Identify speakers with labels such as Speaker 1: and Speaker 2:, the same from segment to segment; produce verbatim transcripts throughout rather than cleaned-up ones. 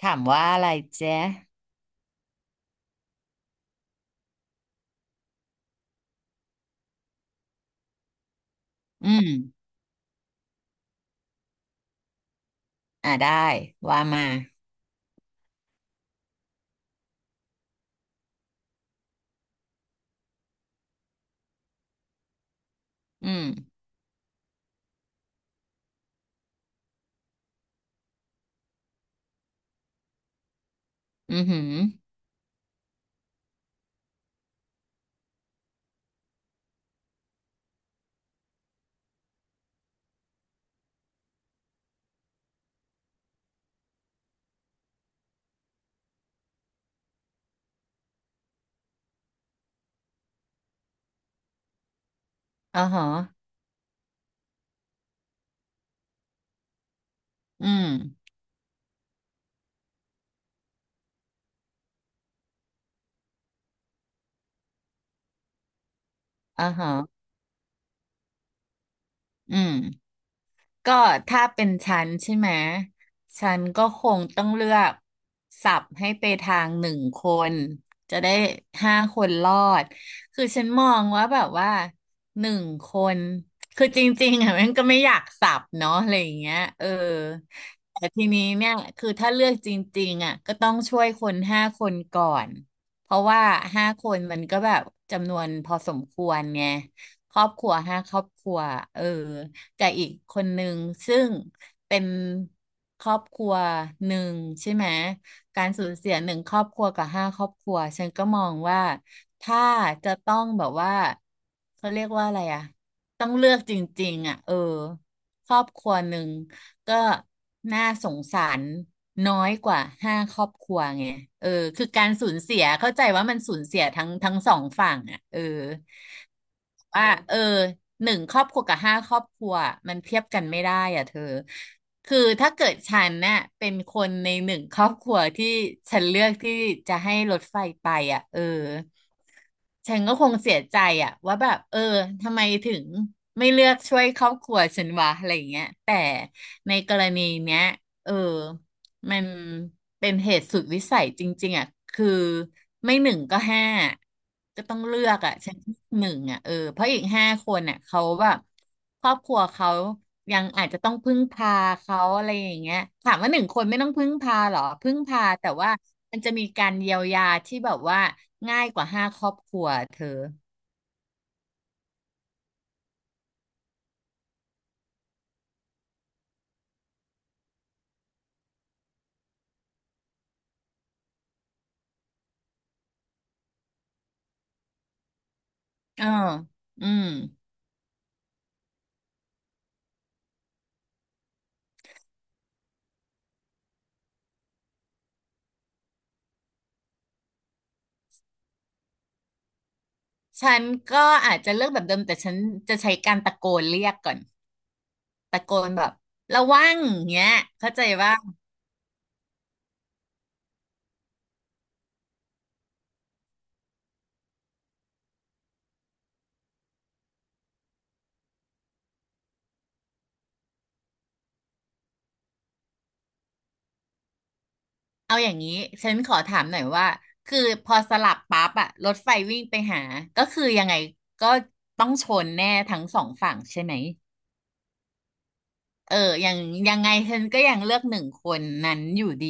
Speaker 1: ถามว่าอะไรเจ๊อืม อ่าได้ ว่ามา อืม อือหืออ๋อหออืมอ๋อหออืม ก็ถ้าเป็นฉันใช่ไหมฉันก็คงต้องเลือกสับให้ไปทางหนึ่งคนจะได้ห้าคนรอดคือฉันมองว่าแบบว่าหนึ่งคนคือจริงๆอ่ะมันก็ไม่อยากสับเนาะอะไรอย่างเงี้ยเออแต่ทีนี้เนี่ยคือถ้าเลือกจริงๆอ่ะก็ต้องช่วยคนห้าคนก่อนเพราะว่าห้าคนมันก็แบบจำนวนพอสมควรไงครอบครัวห้าครอบครัวเออ กับอีกคนหนึ่งซึ่งเป็นครอบครัวหนึ่งใช่ไหมการสูญเสียหนึ่งครอบครัวกับห้าครอบครัวฉันก็มองว่าถ้าจะต้องแบบว่าเขาเรียกว่าอะไรอะต้องเลือกจริงๆอ่ะเออครอบครัวหนึ่งก็น่าสงสารน้อยกว่าห้าครอบครัวไงเออคือการสูญเสียเข้าใจว่ามันสูญเสียทั้งทั้งสองฝั่งอ่ะเออ ว่าเออหนึ่งครอบครัวกับห้าครอบครัวมันเทียบกันไม่ได้อ่ะเธอคือถ้าเกิดฉันเนี่ยเป็นคนในหนึ่งครอบครัวที่ฉันเลือกที่จะให้รถไฟไปอ่ะเออฉันก็คงเสียใจอ่ะว่าแบบเออทำไมถึงไม่เลือกช่วยครอบครัวฉันวะอะไรอย่างเงี้ยแต่ในกรณีเนี้ยเออ มันเป็นเหตุสุดวิสัยจริงๆอ่ะคือไม่หนึ่งก็ห้าก็ต้องเลือกอ่ะฉันหนึ่งอ่ะเออเพราะอีกห้าคนอ่ะเขาแบบครอบครัวเขายังอาจจะต้องพึ่งพาเขาอะไรอย่างเงี้ยถามว่าหนึ่งคนไม่ต้องพึ่งพาหรอพึ่งพาแต่ว่ามันจะมีการเยียวยาที่แบบว่าง่ายกว่าห้าครอบครัวเธอเอออืมฉันก็อาจจะเลือกแบบเดิมแต่ฉันจะใช้การตะโกนเรียกก่อน ตะโกนแบบระวังเงี้ยเข้าใจว่าเอาอย่างนี้ฉันขอถามหน่อยว่าคือพอสลับปั๊บอะรถไฟวิ่งไปหาก็คือยังไงก็ต้องชนแน่ทั้งสองฝั่งใช่ไหม เออ ยังยังไงฉันก็ยังเลือกหนึ่งคนนั้นอยู่ดี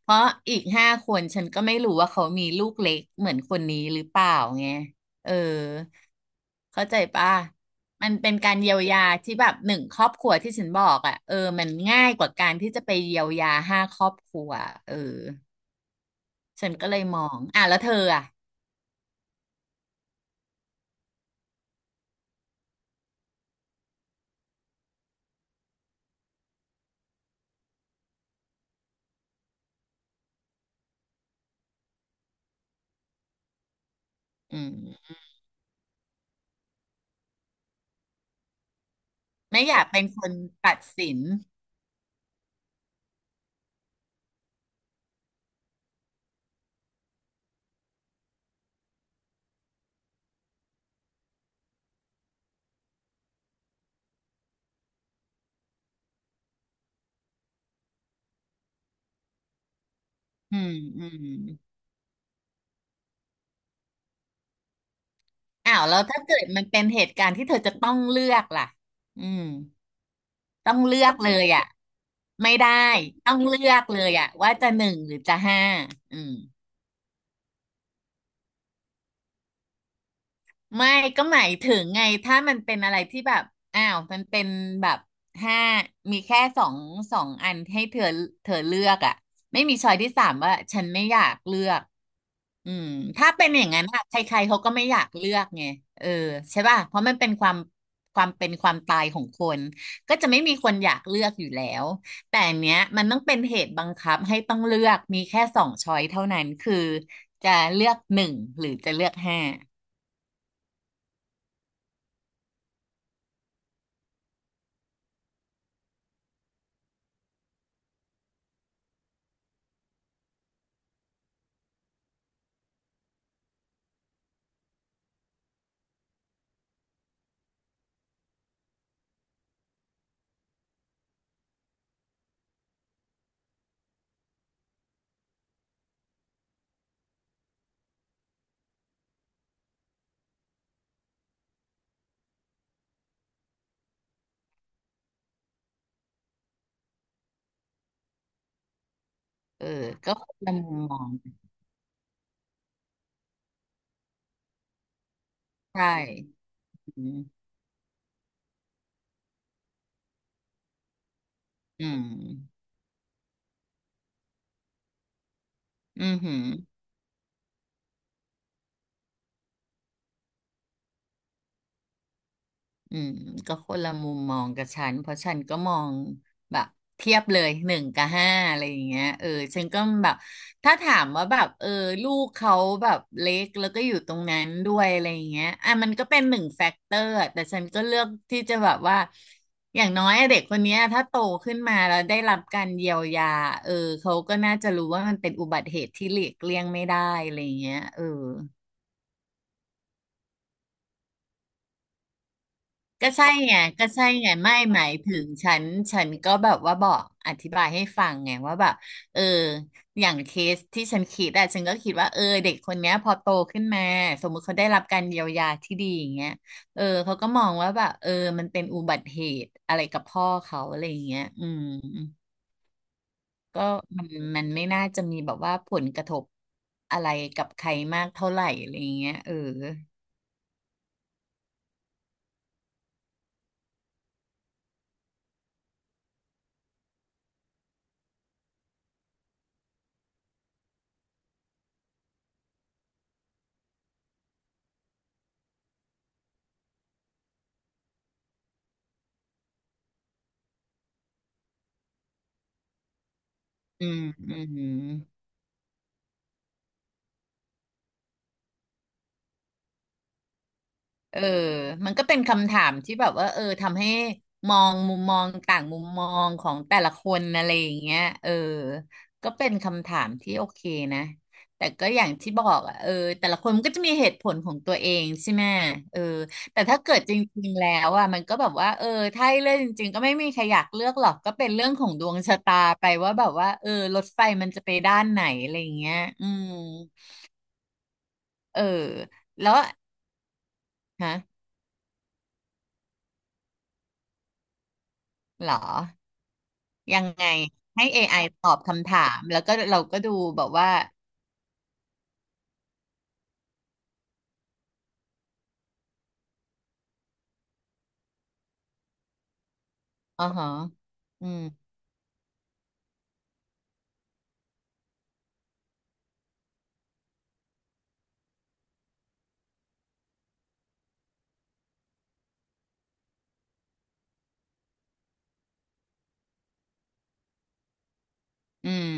Speaker 1: เพราะอีกห้าคนฉันก็ไม่รู้ว่าเขามีลูกเล็กเหมือนคนนี้หรือเปล่าไงเออเข้าใจป่ะมันเป็นการเยียวยาที่แบบหนึ่งครอบครัวที่ฉันบอกอ่ะเออมันง่ายกว่าการที่จะไปเยียวยาห้าครอบครัวเออฉันก็เลยมอง อ่ะแล้วเธออ่ะอืมไม่อยากเป็นคนตัดสินอืมอืมอ้าวแล้วถ้าเกิดมันเป็นเหตุการณ์ที่เธอจะต้องเลือกล่ะอืม ต้องเลือกเลยอ่ะไม่ได้ต้องเลือกเลยอ่ะว่าจะหนึ่งหรือจะห้าอืม ไม่ก็หมายถึงไงถ้ามันเป็นอะไรที่แบบอ้าวมันเป็นแบบห้ามีแค่สองสองอันให้เธอเธอเลือกอ่ะไม่มีช้อยที่สามว่าฉันไม่อยากเลือกอืมถ้าเป็นอย่างนั้นอะใครๆเขาก็ไม่อยากเลือกไงเออใช่ป่ะเพราะมันเป็นความความเป็นความตายของคนก็จะไม่มีคนอยากเลือกอยู่แล้วแต่อันเนี้ยมันต้องเป็นเหตุบังคับให้ต้องเลือกมีแค่สองช้อยเท่านั้นคือจะเลือกหนึ่งหรือจะเลือกห้า เออก็คนละมุมมองใช่อืมอืมอืม อืมก็คนละมุมมองกับฉันเพราะฉันก็มองแบบเทียบเลยหนึ่งกับห้าอะไรอย่างเงี้ยเออฉันก็แบบถ้าถามว่าแบบเออลูกเขาแบบเล็กแล้วก็อยู่ตรงนั้นด้วยอะไรอย่างเงี้ยอ่ะมันก็เป็นหนึ่งแฟกเตอร์แต่ฉันก็เลือกที่จะแบบว่าอย่างน้อยอะเด็กคนเนี้ยถ้าโตขึ้นมาแล้วได้รับการเยียวยาเออเขาก็น่าจะรู้ว่ามันเป็นอุบัติเหตุที่หลีกเลี่ยงไม่ได้อะไรอย่างเงี้ยเออ ก็ใช่ไงก็ใช่ไงไม่หมายถึงฉันฉันก็แบบว่าบอกอธิบายให้ฟังไงว่าแบบเอออย่างเคสที่ฉันคิดอะฉันก็คิดว่าเออเด็กคนเนี้ยพอโตขึ้นมาสมมุติเขาได้รับการเยียวยาที่ดีอย่างเงี้ยเออเขาก็มองว่าแบบเออมันเป็นอุบัติเหตุอะไรกับพ่อเขาอะไรอย่างเงี้ยอืมก็มันมันไม่น่าจะมีแบบว่าผลกระทบอะไรกับใครมากเท่าไหร่อะไรอย่างเงี้ยเอออืมอืม เออมันก็เป็นคำถามที่แบบว่าเออทำให้มองมุมมองต่างมุมมองของแต่ละคนอะไรอย่างเงี้ยเออก็เป็นคำถามที่โอเคนะแต่ก็อย่างที่บอกอ่ะเออแต่ละคนมันก็จะมีเหตุผลของตัวเองใช่ไหมเออแต่ถ้าเกิดจริงๆแล้วอ่ะมันก็แบบว่าเออถ้าให้เลือกจริงๆก็ไม่มีใครอยากเลือกหรอกก็เป็นเรื่องของดวงชะตาไปว่าแบบว่าเออรถไฟมันจะไปด้านไหนอะไรอย่างเงี้ยอืมเออแล้วฮะเหรอ ยังไงให้ เอ ไอ ตอบคำถามแล้วก็เราก็ดูแบบว่าอ๋อฮะอืมอืม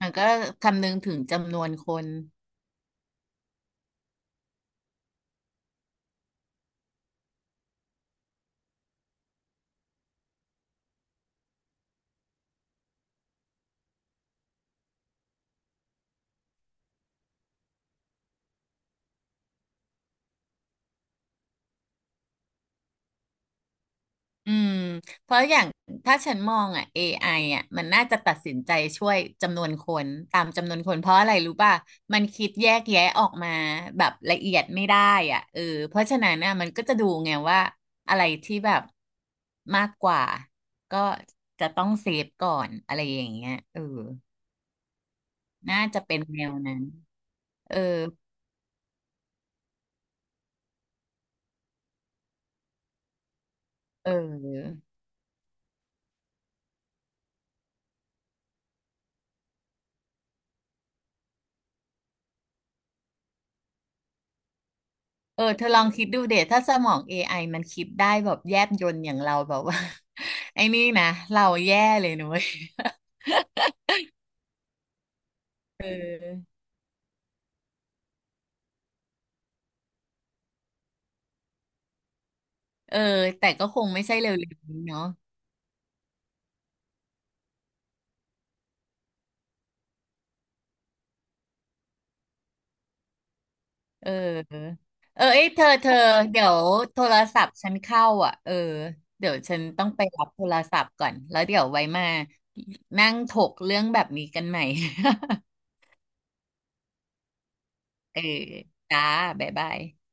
Speaker 1: มันก็คำนึงถึงจำนวนคนอืมเพราะอย่างถ้าฉันมองอ่ะ เอ ไอ อไออ่ะมันน่าจะตัดสินใจช่วยจำนวนคนตามจำนวนคนเพราะอะไรรู้ป่ะมันคิดแยกแยะออกมาแบบละเอียดไม่ได้อ่ะเออเพราะฉะนั้นน่ะมันก็จะดูไงว่าอะไรที่แบบมากกว่าก็จะต้องเซฟก่อนอะไรอย่างเงี้ยเออ น่าจะเป็นแนวนั้นเออเออเออเธอลองคิดดูเดถ้าสมอง เอ ไอ มันคิดได้แบบแยบยลอย่างเราแบบว่า ไอ้นี่นะเราแย่เลยนุ้ย เออเออแต่ก็คงไม่ใช่เร็วๆนี้เนาะเออเออเอ้ยเธอเธอเดี๋ยวโทรศัพท์ฉันเข้าอ่ะเออเดี๋ยวฉันต้องไปรับโทรศัพท์ก่อน แล้วเดี๋ยวไว้มานั่งถกเรื่องแบบนี้กันใหม่ เออจ้าบ๊ายบาย